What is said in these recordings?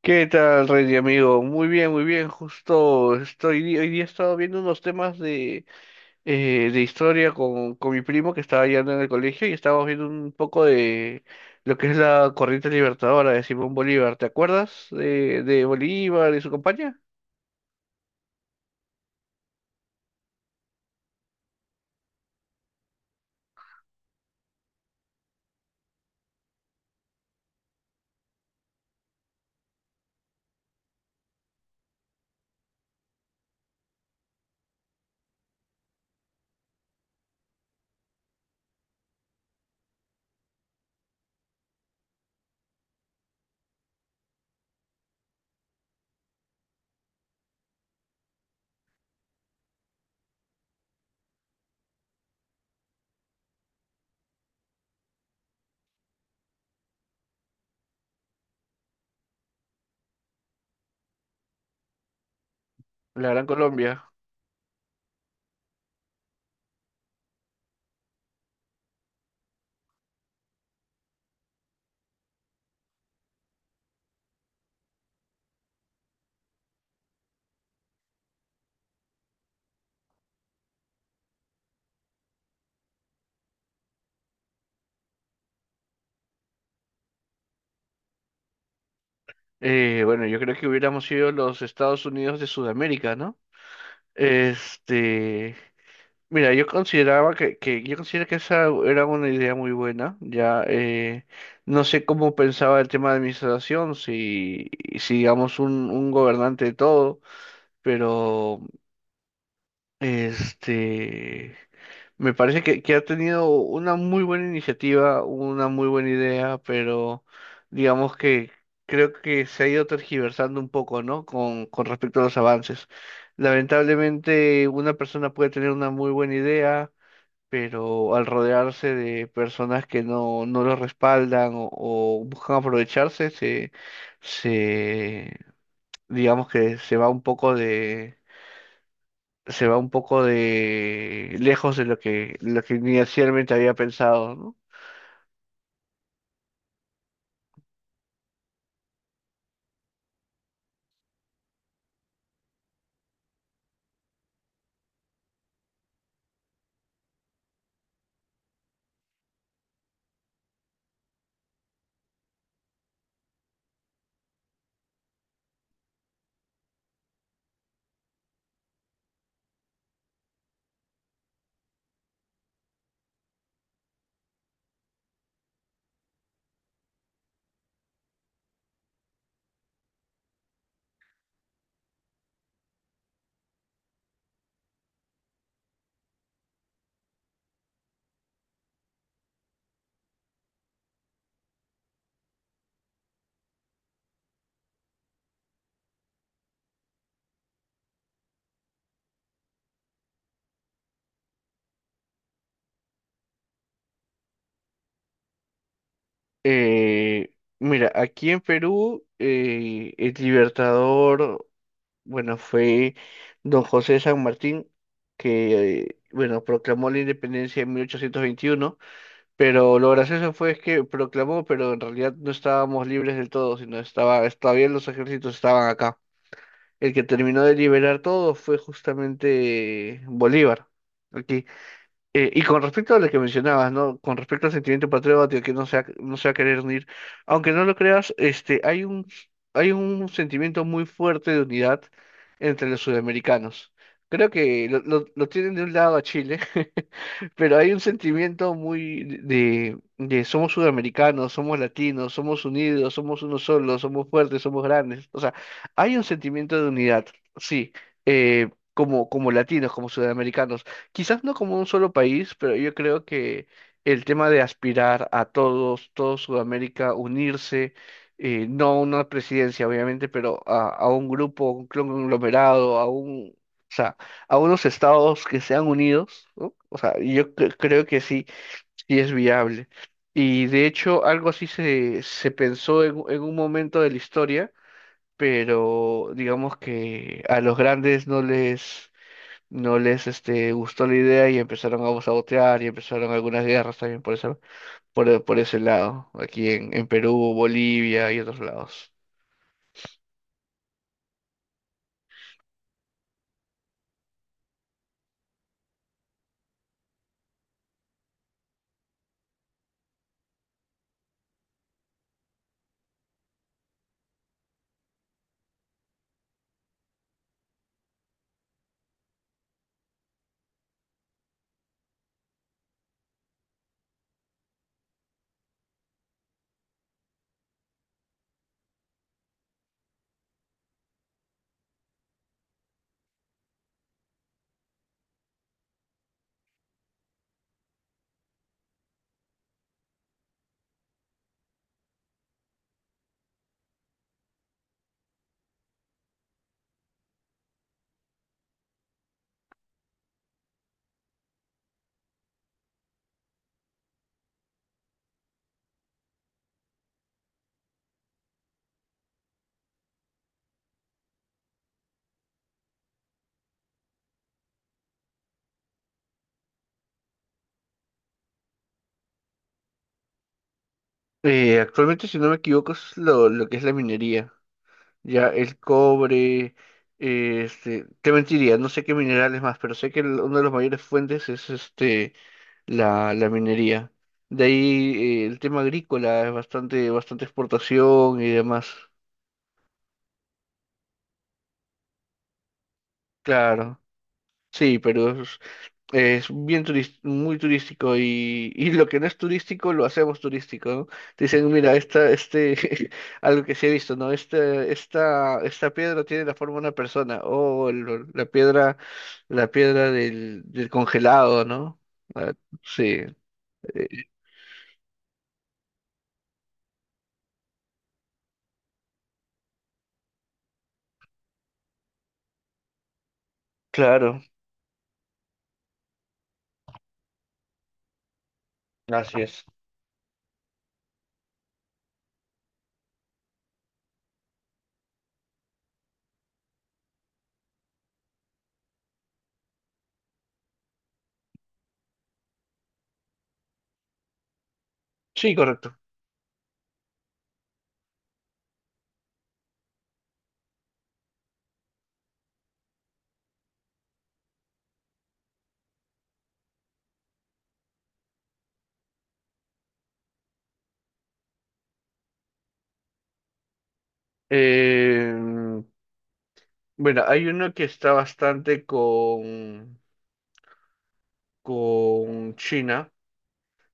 ¿Qué tal, Rey, amigo? Muy bien, muy bien. Justo estoy, hoy día he estado viendo unos temas de historia con mi primo que estaba yendo en el colegio y estábamos viendo un poco de lo que es la corriente libertadora de Simón Bolívar. ¿Te acuerdas de Bolívar y su compañía? La Gran Colombia. Bueno, yo creo que hubiéramos sido los Estados Unidos de Sudamérica, ¿no? Este. Mira, yo consideraba que yo considero que esa era una idea muy buena. Ya no sé cómo pensaba el tema de administración, si digamos un gobernante de todo, pero este me parece que ha tenido una muy buena iniciativa, una muy buena idea, pero digamos que creo que se ha ido tergiversando un poco, ¿no? Con respecto a los avances. Lamentablemente, una persona puede tener una muy buena idea, pero al rodearse de personas que no, no lo respaldan o buscan aprovecharse, se, digamos que se va un poco de, lejos de lo que inicialmente había pensado, ¿no? Eh, Mira, aquí en Perú, el libertador, bueno, fue don José de San Martín, que, bueno, proclamó la independencia en 1821. Pero lo gracioso fue es que proclamó, pero en realidad no estábamos libres del todo, sino estaba, todavía los ejércitos estaban acá. El que terminó de liberar todo fue justamente Bolívar, aquí. Y con respecto a lo que mencionabas, ¿no? Con respecto al sentimiento patriótico que no se va a querer unir, aunque no lo creas, hay un sentimiento muy fuerte de unidad entre los sudamericanos. Creo que lo tienen de un lado a Chile, pero hay un sentimiento muy de somos sudamericanos, somos latinos, somos unidos, somos uno solo, somos fuertes, somos grandes. O sea, hay un sentimiento de unidad, sí, como, latinos, como sudamericanos, quizás no como un solo país, pero yo creo que el tema de aspirar a todos, todo Sudamérica, unirse, no a una presidencia, obviamente, pero a un grupo, un conglomerado, o sea, a unos estados que sean unidos, ¿no? O sea, yo creo que sí, sí es viable. Y de hecho, algo así se pensó en, un momento de la historia, pero digamos que a los grandes no les gustó la idea y empezaron a sabotear, y empezaron algunas guerras también por esa, por ese lado, aquí en Perú, Bolivia y otros lados. Actualmente, si no me equivoco, es lo que es la minería. Ya el cobre, te mentiría, no sé qué minerales más, pero sé que el- una de las mayores fuentes es la minería. De ahí el tema agrícola es bastante, bastante exportación y demás. Claro. Sí, Perú es bien muy turístico, y lo que no es turístico lo hacemos turístico, ¿no? Te dicen, mira, algo que se ha visto, ¿no? Esta, piedra tiene la forma de una persona, o la piedra del congelado, ¿no? Ah, sí, eh, claro, así es. Sí, correcto. Eh, bueno, hay uno que está bastante con China,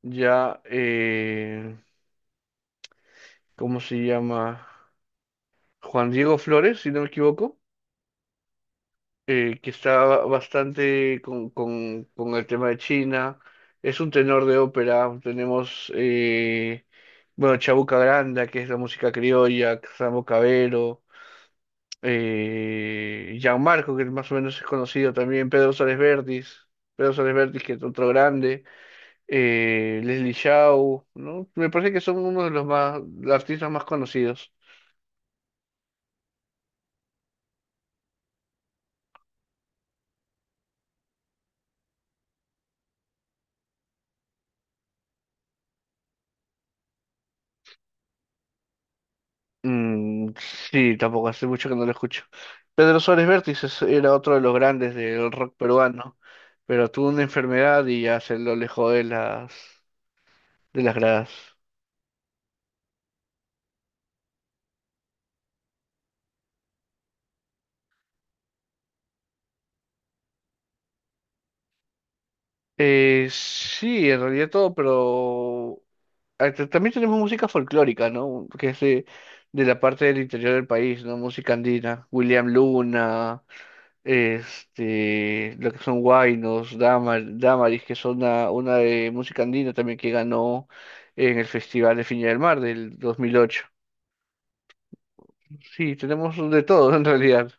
ya. ¿Cómo se llama? Juan Diego Flores, si no me equivoco, que está bastante con el tema de China. Es un tenor de ópera. Tenemos, bueno, Chabuca Granda, que es la música criolla, Samo Cabero, Gianmarco, que más o menos es conocido también, Pedro Suárez Vértiz, que es otro grande, Leslie Shaw, ¿no? Me parece que son uno de los artistas más conocidos. Mm, sí, tampoco hace mucho que no lo escucho. Pedro Suárez Vértiz era otro de los grandes del rock peruano, pero tuvo una enfermedad y ya se lo alejó de las gradas. Sí, en realidad todo, pero también tenemos música folclórica, ¿no? Que es de la parte del interior del país, ¿no? Música andina, William Luna, lo que son Huaynos, Damaris, que son una de música andina también, que ganó en el Festival de Viña del Mar del 2008. Sí, tenemos de todo en realidad,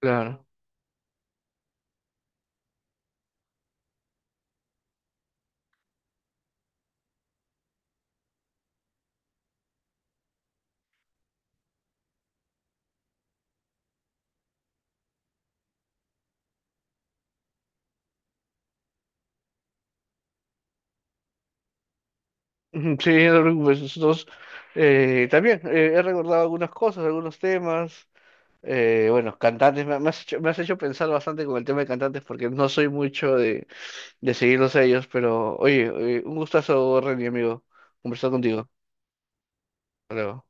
claro. Ujú. Sí, no te preocupes, nosotros también he recordado algunas cosas, algunos temas. Bueno, cantantes, me has hecho, me has hecho, pensar bastante con el tema de cantantes, porque no soy mucho de seguirlos a ellos, pero oye, un gustazo, Renny, amigo, conversar contigo. Hasta luego.